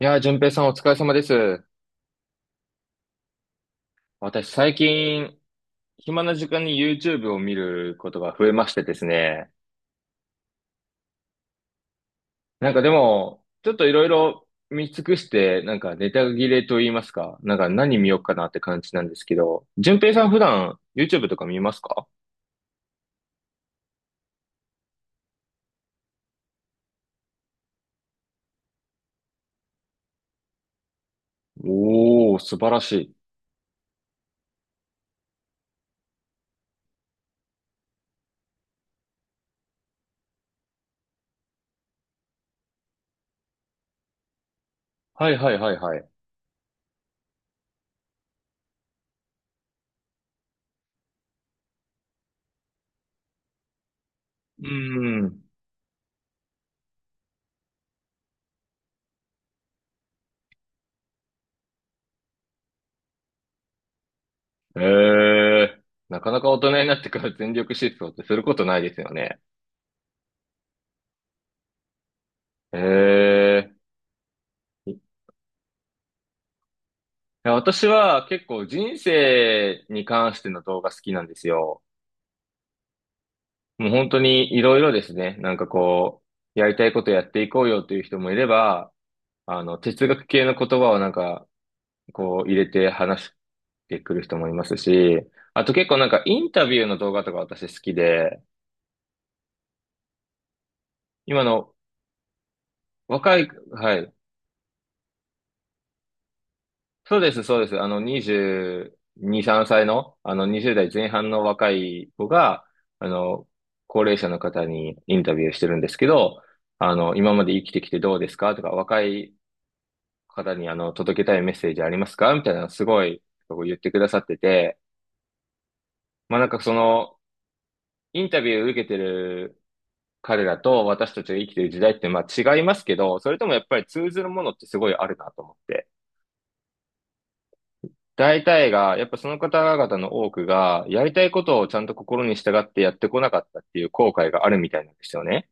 いやー、淳平さんお疲れ様です。私最近、暇な時間に YouTube を見ることが増えましてですね。なんかでも、ちょっといろいろ見尽くして、なんかネタ切れと言いますか、なんか何見ようかなって感じなんですけど、淳平さん普段 YouTube とか見ますか？おー、素晴らしい。はいはいはいはい。うーん。えー、なかなか大人になってから全力疾走ってすることないですよね。えー。や、私は結構人生に関しての動画好きなんですよ。もう本当にいろいろですね。なんかこう、やりたいことやっていこうよという人もいれば、哲学系の言葉をなんか、こう入れて話してくる人もいますし、あと結構なんかインタビューの動画とか私好きで、今の若い、はい、そうです、そうです。22、3歳の、20代前半の若い子が、あの、高齢者の方にインタビューしてるんですけど、今まで生きてきてどうですかとか、若い方に、届けたいメッセージありますかみたいな、すごい、こう言ってくださってて、まあ、なんかインタビューを受けてる彼らと私たちが生きてる時代って、まあ、違いますけど、それともやっぱり通ずるものってすごいあるなと思って。大体が、やっぱその方々の多くが、やりたいことをちゃんと心に従ってやってこなかったっていう後悔があるみたいなんですよね。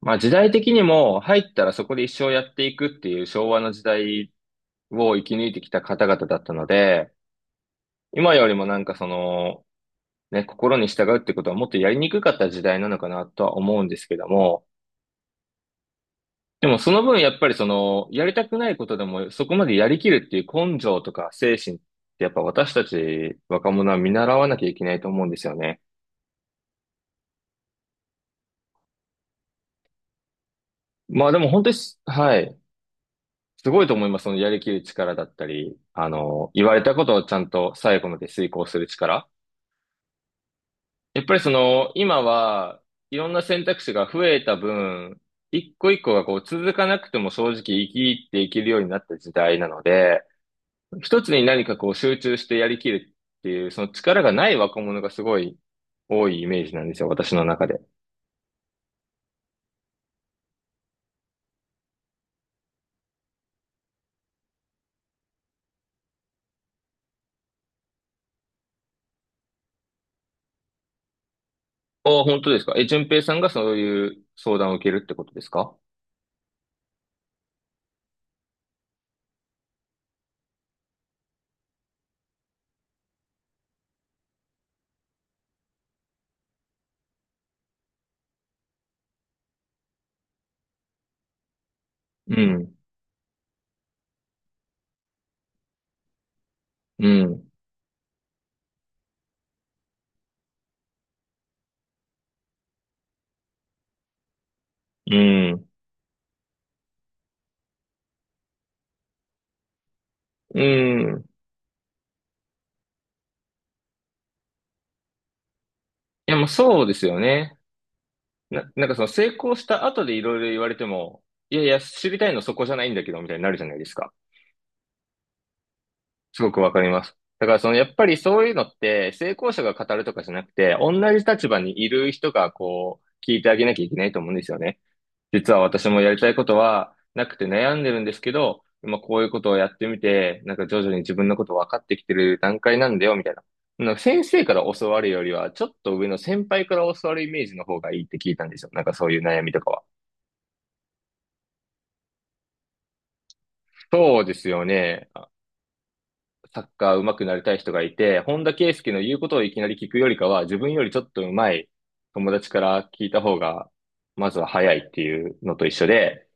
まあ時代的にも入ったらそこで一生やっていくっていう昭和の時代を生き抜いてきた方々だったので、今よりもなんかね、心に従うってことはもっとやりにくかった時代なのかなとは思うんですけども、でもその分やっぱりやりたくないことでもそこまでやりきるっていう根性とか精神ってやっぱ私たち若者は見習わなきゃいけないと思うんですよね。まあでも本当にはい。すごいと思います。そのやりきる力だったり、言われたことをちゃんと最後まで遂行する力。やっぱり今はいろんな選択肢が増えた分、一個一個がこう続かなくても正直生きていけるようになった時代なので、一つに何かこう集中してやりきるっていう、その力がない若者がすごい多いイメージなんですよ、私の中で。ああ、本当ですか。え、淳平さんがそういう相談を受けるってことですか？うん、うん、うん、うん。いや、もうそうですよね。なんかその成功した後でいろいろ言われても、いやいや、知りたいのそこじゃないんだけど、みたいになるじゃないですか。すごくわかります。だからやっぱりそういうのって成功者が語るとかじゃなくて、同じ立場にいる人がこう聞いてあげなきゃいけないと思うんですよね。実は私もやりたいことはなくて悩んでるんですけど、まあこういうことをやってみて、なんか徐々に自分のこと分かってきてる段階なんだよ、みたいな。なんか先生から教わるよりは、ちょっと上の先輩から教わるイメージの方がいいって聞いたんですよ。なんかそういう悩みとかは。そうですよね。サッカー上手くなりたい人がいて、本田圭佑の言うことをいきなり聞くよりかは、自分よりちょっと上手い友達から聞いた方が、まずは早いっていうのと一緒で、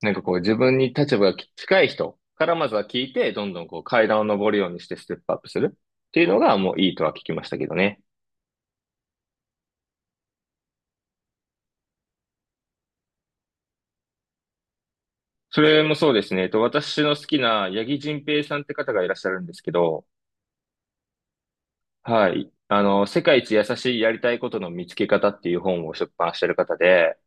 なんかこう自分に立場が近い人からまずは聞いて、どんどんこう階段を上るようにしてステップアップするっていうのがもういいとは聞きましたけどね。それもそうですね。私の好きな八木仁平さんって方がいらっしゃるんですけど、はい。世界一優しいやりたいことの見つけ方っていう本を出版してる方で、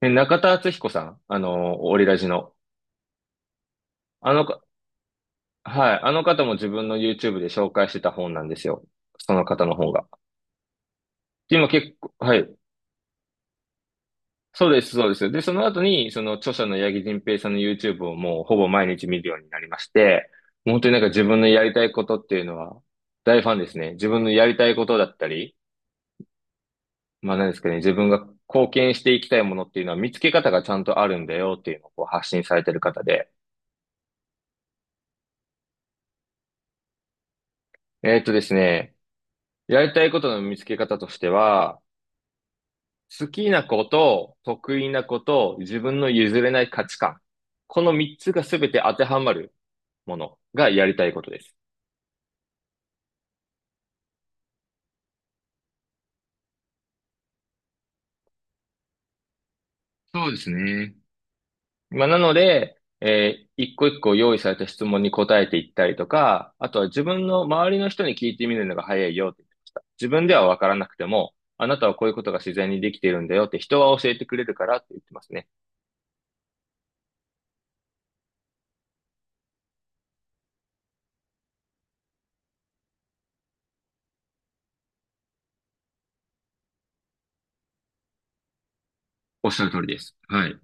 中田敦彦さん、オリラジの。あのか、はい、あの方も自分の YouTube で紹介してた本なんですよ。その方の本が。今結構、はい。そうです、そうです。で、その後に、その著者の八木仁平さんの YouTube をもうほぼ毎日見るようになりまして、もう本当になんか自分のやりたいことっていうのは大ファンですね。自分のやりたいことだったり、まあ何ですかね、自分が貢献していきたいものっていうのは見つけ方がちゃんとあるんだよっていうのをこう発信されてる方で。ですね、やりたいことの見つけ方としては、好きなこと、得意なこと、自分の譲れない価値観。この3つが全て当てはまるものがやりたいことです。そうですね。まあ、なので、一個一個用意された質問に答えていったりとか、あとは自分の周りの人に聞いてみるのが早いよって言ってました。自分ではわからなくても、あなたはこういうことが自然にできているんだよって人は教えてくれるからって言ってますね。おっしゃる通りです。はい。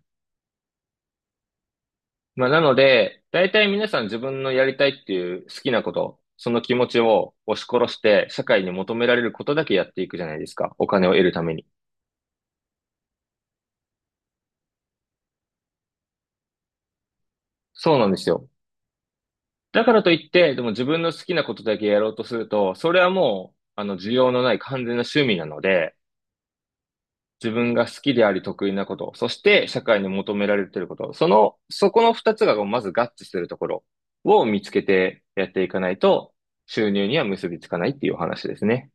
まあ、なので、大体皆さん自分のやりたいっていう好きなこと、その気持ちを押し殺して、社会に求められることだけやっていくじゃないですか。お金を得るために。そうなんですよ。だからといって、でも自分の好きなことだけやろうとすると、それはもう、需要のない完全な趣味なので、自分が好きであり得意なこと、そして社会に求められていること、そこの二つがまず合致するところを見つけてやっていかないと、収入には結びつかないっていうお話ですね。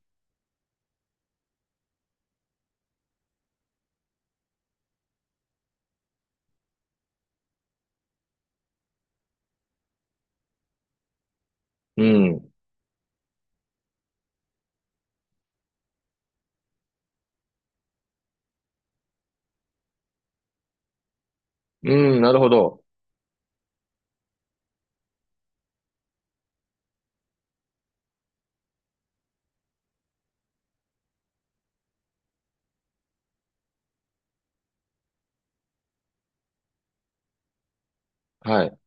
うん。うん、なるほど。はい。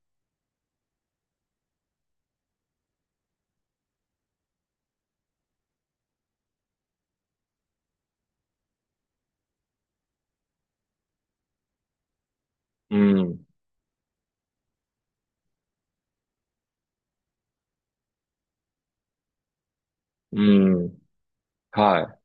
うん、うん、は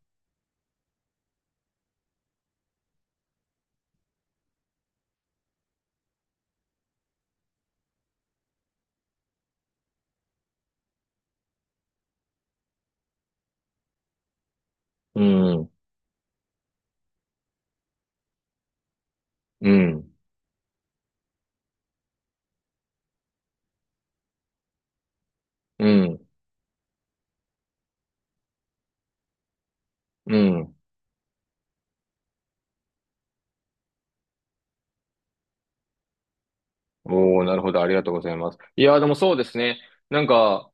い。うん、うん、うん、うん。おー、なるほど。ありがとうございます。いやー、でもそうですね。なんか、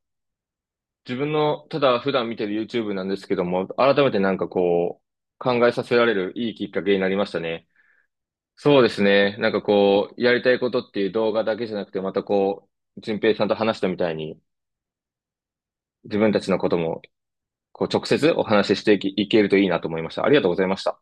自分の、ただ普段見てる YouTube なんですけども、改めてなんかこう、考えさせられるいいきっかけになりましたね。そうですね。なんかこう、やりたいことっていう動画だけじゃなくて、またこう、順平さんと話したみたいに、自分たちのことも、こう、直接お話ししていきいけるといいなと思いました。ありがとうございました。